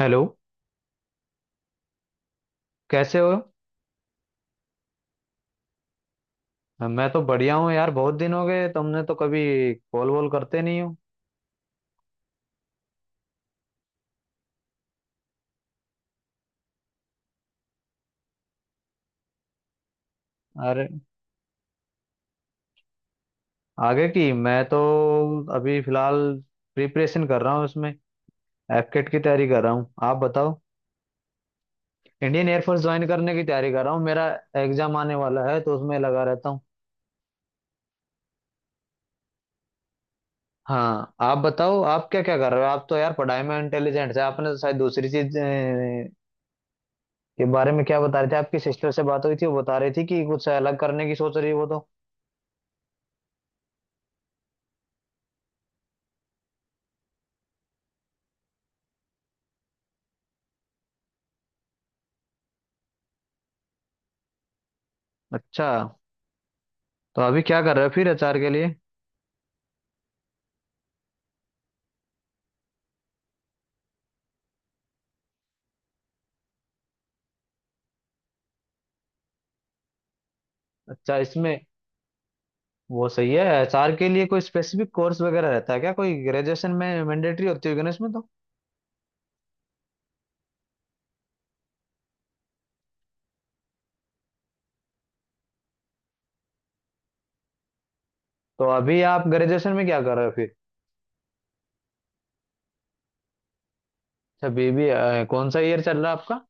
Hello. कैसे हो? मैं तो बढ़िया हूँ यार, बहुत दिन हो गए, तुमने तो कभी कॉल वॉल करते नहीं हो। अरे आगे की मैं तो अभी फिलहाल प्रिपरेशन कर रहा हूँ, उसमें एफकेट की तैयारी कर रहा हूँ। आप बताओ। इंडियन एयरफोर्स ज्वाइन करने की तैयारी कर रहा हूँ, मेरा एग्जाम आने वाला है तो उसमें लगा रहता हूँ। हाँ आप बताओ, आप क्या क्या कर रहे हो? आप तो यार पढ़ाई में इंटेलिजेंट है, आपने तो शायद दूसरी चीज के बारे में क्या बता रहे थे? आपकी सिस्टर से बात हुई थी, वो बता रही थी कि कुछ अलग करने की सोच रही है वो तो। अच्छा तो अभी क्या कर रहे हो फिर एचआर के लिए? अच्छा इसमें वो सही है, एचआर के लिए कोई स्पेसिफिक कोर्स वगैरह रहता है क्या? कोई ग्रेजुएशन में मैंडेटरी होती होगी ना इसमें तो। तो अभी आप ग्रेजुएशन में क्या कर रहे हो फिर? अच्छा बीबी, कौन सा ईयर चल रहा है आपका?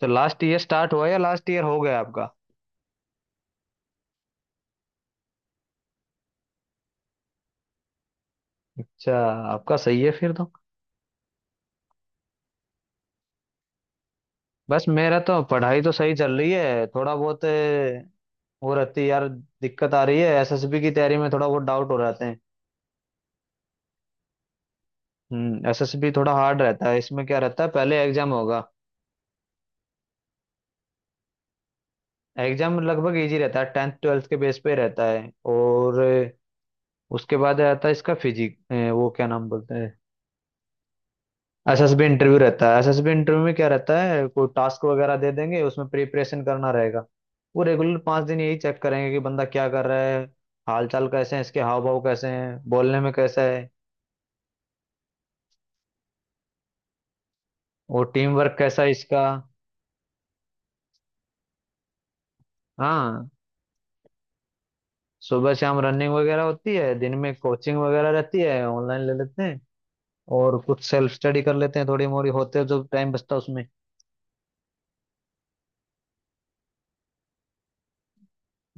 तो लास्ट ईयर स्टार्ट हुआ या लास्ट ईयर हो गया आपका? अच्छा, आपका सही है फिर तो। बस मेरा तो पढ़ाई तो सही चल रही है, थोड़ा बहुत वो रहती है यार, दिक्कत आ रही है एसएसबी की तैयारी में, थोड़ा बहुत डाउट हो रहते हैं। हम्म, एसएसबी थोड़ा हार्ड रहता है, इसमें क्या रहता है? पहले एग्जाम होगा, एग्जाम लगभग इजी रहता है, टेंथ ट्वेल्थ के बेस पे रहता है। और उसके बाद रहता है इसका फिजिक, वो क्या नाम बोलते हैं, एसएसबी इंटरव्यू रहता है। एसएसबी इंटरव्यू में क्या रहता है, कोई टास्क वगैरह दे देंगे, उसमें प्रिपरेशन करना रहेगा। वो रेगुलर 5 दिन यही चेक करेंगे कि बंदा क्या कर रहा है, हाल चाल कैसे हैं, इसके हाव भाव कैसे हैं, बोलने में कैसा है और टीम वर्क कैसा है इसका। हाँ सुबह शाम रनिंग वगैरह होती है, दिन में कोचिंग वगैरह रहती है, ऑनलाइन ले लेते हैं, और कुछ सेल्फ स्टडी कर लेते हैं थोड़ी मोड़ी, होते हैं जो टाइम बचता है उसमें।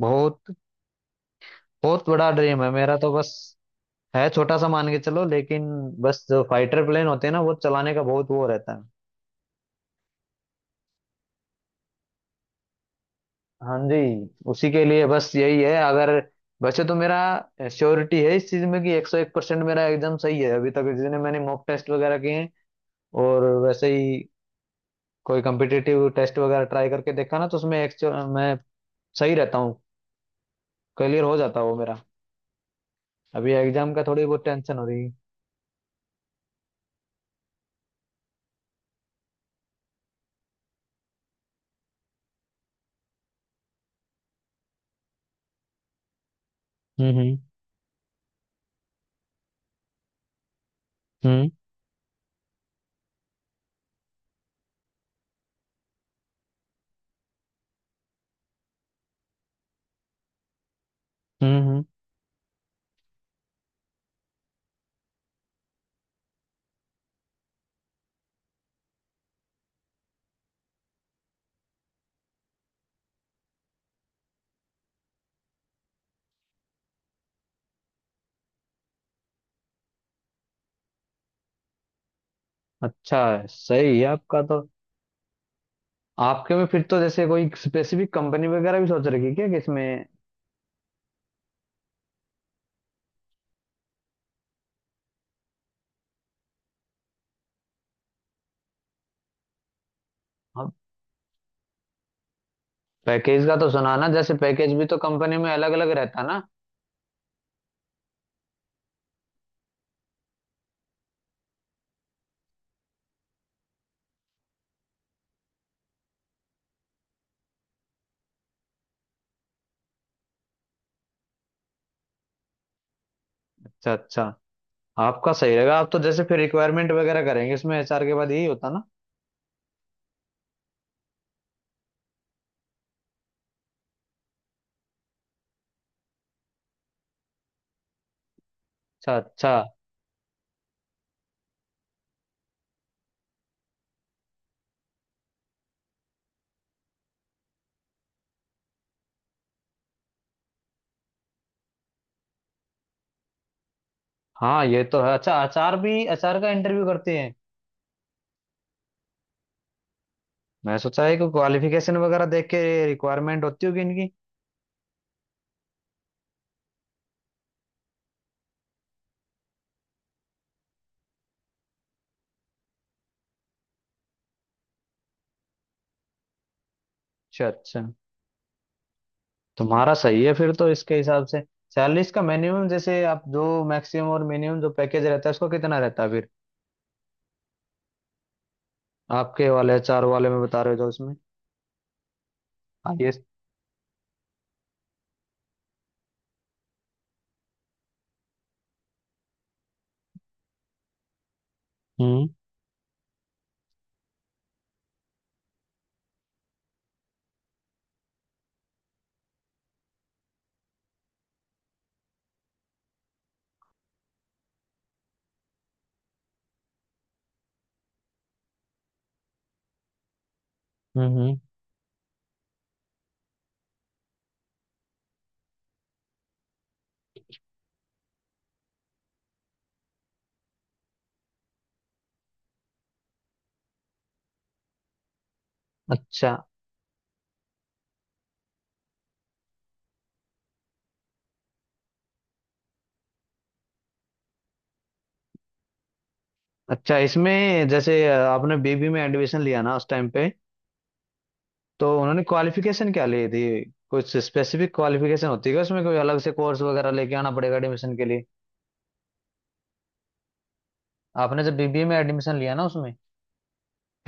बहुत बहुत बड़ा ड्रीम है मेरा तो बस, है छोटा सा मान के चलो लेकिन, बस जो फाइटर प्लेन होते हैं ना वो चलाने का बहुत वो रहता है। हाँ जी, उसी के लिए बस यही है, अगर वैसे तो मेरा श्योरिटी है इस चीज में कि 101% मेरा एग्जाम सही है, अभी तक जितने मैंने मॉक टेस्ट वगैरह किए हैं और वैसे ही कोई कम्पिटिटिव टेस्ट वगैरह ट्राई करके देखा ना तो उसमें एक्चुअल मैं सही रहता हूँ, क्लियर हो जाता है वो मेरा। अभी एग्जाम का थोड़ी बहुत टेंशन हो रही है। हम्म। हम्म। हम्म। हम्म। हम्म। अच्छा है, सही है आपका तो। आपके में फिर तो जैसे कोई स्पेसिफिक कंपनी वगैरह भी सोच रखी है क्या कि इसमें? पैकेज का तो सुना ना, जैसे पैकेज भी तो कंपनी में अलग अलग रहता ना। अच्छा अच्छा, आपका सही रहेगा, आप तो जैसे फिर रिक्वायरमेंट वगैरह करेंगे इसमें, एचआर के बाद यही होता ना? अच्छा अच्छा। हाँ ये तो है, अच्छा एचआर भी एचआर का इंटरव्यू करते हैं? मैं सोचा है कि क्वालिफिकेशन वगैरह देख के रिक्वायरमेंट होती होगी इनकी। अच्छा अच्छा। तुम्हारा सही है फिर तो, इसके हिसाब से सैलरी इसका मिनिमम जैसे, आप जो मैक्सिमम और मिनिमम जो पैकेज रहता है उसको कितना रहता है? आपके वाले चार वाले में बता रहे हो जो, इसमें आईएएस। हम्म। हम्म। हम्म। अच्छा अच्छा, इसमें जैसे आपने बीबी में एडमिशन लिया ना उस टाइम पे, तो उन्होंने क्वालिफिकेशन क्या ली थी? कुछ स्पेसिफिक क्वालिफिकेशन होती है क्या उसमें? कोई अलग से कोर्स वगैरह लेके आना पड़ेगा एडमिशन के लिए? आपने जब बीबीए में एडमिशन लिया ना उसमें,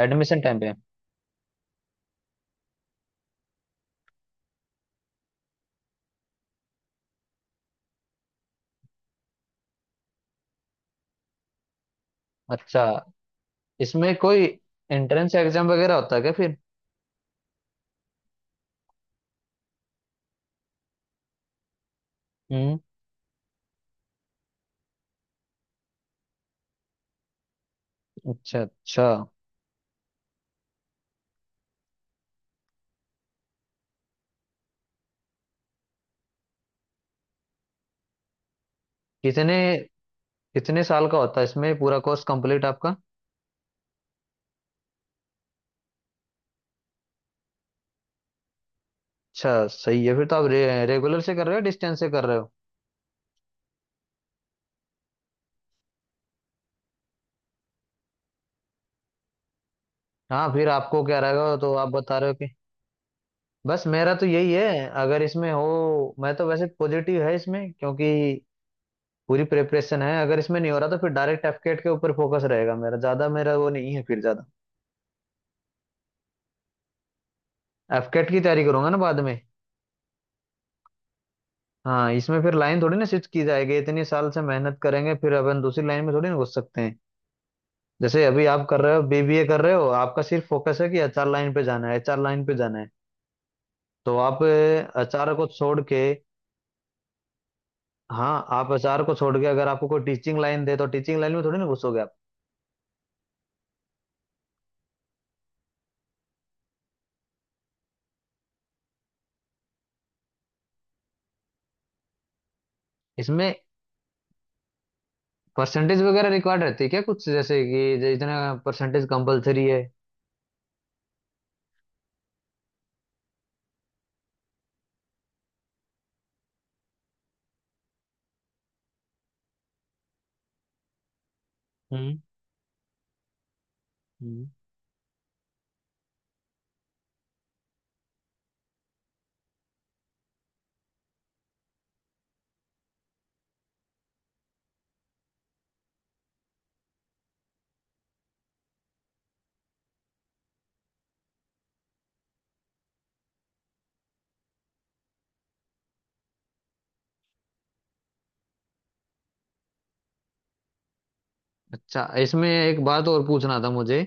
एडमिशन टाइम पे। अच्छा, इसमें कोई एंट्रेंस एग्जाम वगैरह होता है क्या फिर? हम्म, अच्छा अच्छा। कितने, कितने साल का होता है इसमें पूरा कोर्स कंप्लीट आपका? अच्छा सही है फिर तो, आप रेगुलर से कर रहे हो, डिस्टेंस से कर रहे हो? हाँ फिर आपको क्या रहेगा तो आप बता रहे हो कि, बस मेरा तो यही है, अगर इसमें हो, मैं तो वैसे पॉजिटिव है इसमें, क्योंकि पूरी प्रिपरेशन है। अगर इसमें नहीं हो रहा तो फिर डायरेक्ट एफकेट के ऊपर फोकस रहेगा मेरा ज्यादा, मेरा वो नहीं है फिर ज्यादा, एफकेट की तैयारी करूंगा ना बाद में। हाँ इसमें फिर लाइन थोड़ी ना स्विच की जाएगी, इतने साल से मेहनत करेंगे फिर अपन दूसरी लाइन में थोड़ी ना घुस सकते हैं। जैसे अभी आप कर रहे हो, बीबीए कर रहे हो, आपका सिर्फ फोकस है कि एचआर लाइन पे जाना है एचआर लाइन पे जाना है। तो आप अचार को छोड़ के, हाँ आप अचार को छोड़ के अगर आपको कोई टीचिंग लाइन दे तो टीचिंग लाइन में थोड़ी ना घुसोगे आप। इसमें परसेंटेज वगैरह रिक्वायर्ड रहती है क्या कुछ, जैसे कि इतना परसेंटेज कंपलसरी है? हम्म हम्म। अच्छा इसमें एक बात और पूछना था मुझे,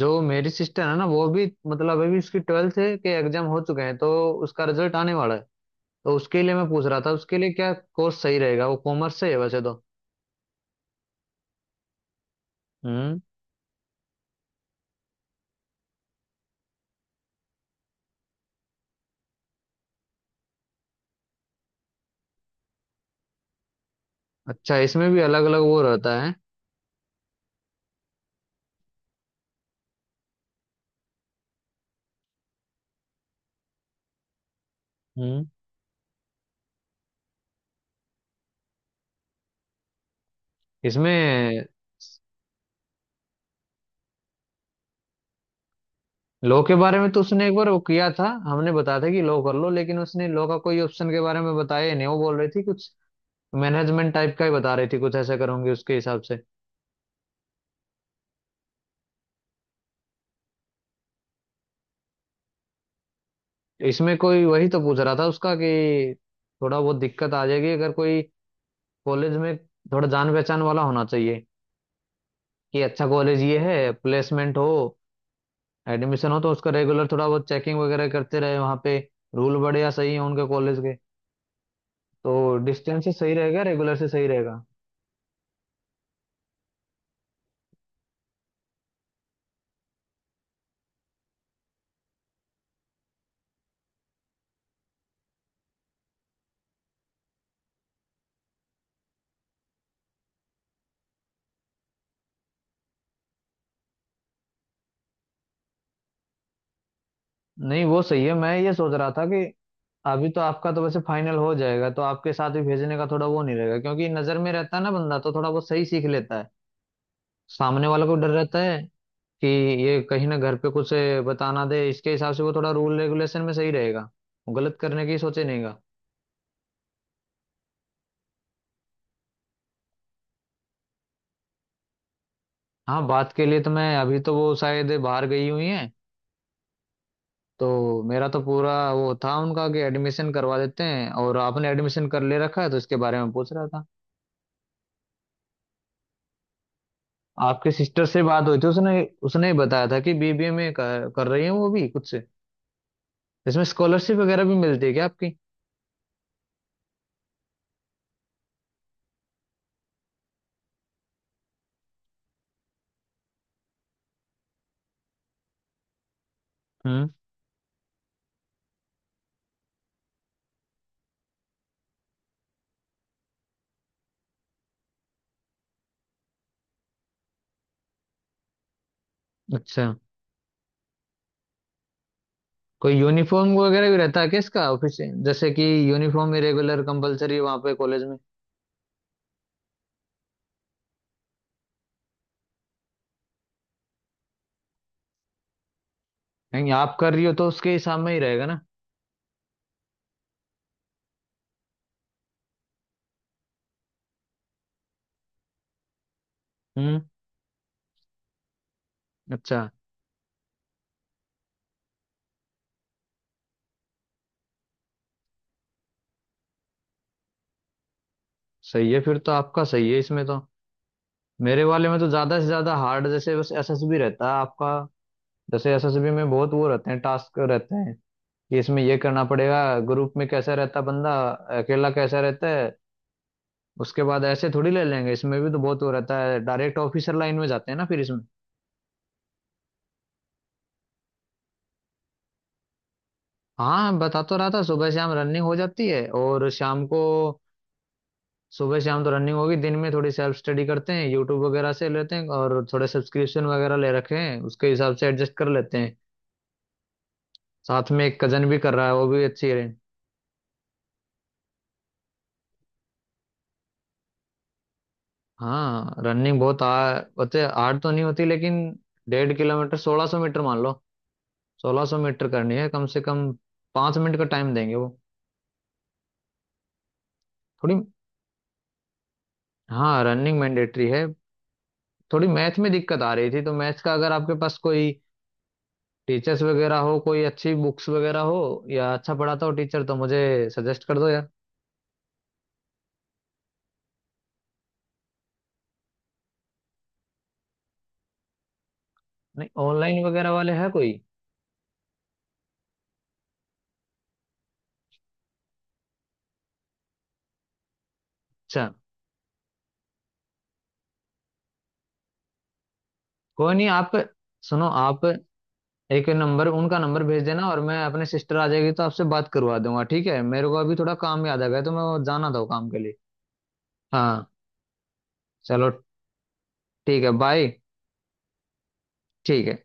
जो मेरी सिस्टर है ना वो भी, मतलब अभी उसकी ट्वेल्थ है, के एग्जाम हो चुके हैं तो उसका रिजल्ट आने वाला है, तो उसके लिए मैं पूछ रहा था उसके लिए क्या कोर्स सही रहेगा, वो कॉमर्स से है वैसे तो। हम्म, अच्छा इसमें भी अलग अलग वो रहता है। हम्म इसमें, लॉ के बारे में तो उसने एक बार वो किया था, हमने बताया था कि लॉ कर लो, लेकिन उसने लॉ का कोई ऑप्शन के बारे में बताया ही नहीं, वो बोल रही थी कुछ मैनेजमेंट टाइप का ही बता रही थी, कुछ ऐसा करूंगी उसके हिसाब से। इसमें कोई, वही तो पूछ रहा था उसका कि थोड़ा बहुत दिक्कत आ जाएगी अगर कोई कॉलेज में, थोड़ा जान पहचान वाला होना चाहिए कि अच्छा कॉलेज ये है, प्लेसमेंट हो, एडमिशन हो तो उसका रेगुलर थोड़ा बहुत चेकिंग वगैरह करते रहे वहाँ पे, रूल बढ़िया सही है उनके कॉलेज के। तो डिस्टेंस से सही रहेगा, रेगुलर से सही रहेगा? नहीं वो सही है, मैं ये सोच रहा था कि अभी तो आपका तो वैसे फाइनल हो जाएगा तो आपके साथ भी भेजने का थोड़ा वो नहीं रहेगा, क्योंकि नजर में रहता है ना बंदा तो थोड़ा वो सही सीख लेता है, सामने वाला को डर रहता है कि ये कहीं ना घर पे कुछ बताना दे, इसके हिसाब से वो थोड़ा रूल रेगुलेशन में सही रहेगा, वो गलत करने की सोचे नहींगा। हाँ बात के लिए तो मैं, अभी तो वो शायद बाहर गई हुई हैं, तो मेरा तो पूरा वो था उनका कि एडमिशन करवा देते हैं, और आपने एडमिशन कर ले रखा है तो इसके बारे में पूछ रहा था। आपके सिस्टर से बात हुई थी उसने, उसने ही बताया था कि बीबीए में कर रही है वो भी खुद से। इसमें स्कॉलरशिप वगैरह भी मिलती है क्या आपकी? हम्म, अच्छा। कोई यूनिफॉर्म वगैरह भी रहता है क्या इसका ऑफिस, जैसे कि यूनिफॉर्म ही रेगुलर कंपलसरी है वहाँ पे कॉलेज में? नहीं आप कर रही हो तो उसके हिसाब में ही रहेगा ना? हम्म अच्छा, सही है फिर तो आपका सही है इसमें तो। मेरे वाले में तो ज्यादा से ज्यादा हार्ड जैसे बस एसएसबी रहता है आपका, जैसे एसएसबी में बहुत वो रहते हैं, टास्क रहते हैं कि इसमें ये करना पड़ेगा, ग्रुप में कैसा रहता बंदा, अकेला कैसा रहता है, उसके बाद ऐसे थोड़ी ले लेंगे इसमें, भी तो बहुत वो रहता है डायरेक्ट ऑफिसर लाइन में जाते हैं ना फिर इसमें। हाँ बता तो रहा था, सुबह शाम रनिंग हो जाती है और शाम को, सुबह शाम तो रनिंग होगी, दिन में थोड़ी सेल्फ स्टडी करते हैं, यूट्यूब वगैरह से लेते हैं और थोड़े सब्सक्रिप्शन वगैरह ले रखे हैं, उसके हिसाब से एडजस्ट कर लेते हैं। साथ में एक कजन भी कर रहा है, वो भी अच्छी है। हाँ रनिंग बहुत होते, हार्ड तो नहीं होती लेकिन 1.5 किलोमीटर 1600 मीटर मान लो, 1600 मीटर करनी है कम से कम, 5 मिनट का टाइम देंगे वो, थोड़ी। हाँ रनिंग मैंडेटरी है। थोड़ी मैथ में दिक्कत आ रही थी तो मैथ्स का अगर आपके पास कोई टीचर्स वगैरह हो, कोई अच्छी बुक्स वगैरह हो या अच्छा पढ़ाता हो टीचर तो मुझे सजेस्ट कर दो यार। नहीं ऑनलाइन वगैरह वाले है कोई अच्छा? कोई नहीं, आप सुनो, आप एक नंबर, उनका नंबर भेज देना और मैं अपने सिस्टर आ जाएगी तो आपसे बात करवा दूंगा, ठीक है? मेरे को अभी थोड़ा काम याद आ गया तो मैं जाना था वो काम के लिए। हाँ चलो, ठीक है, बाय। ठीक है।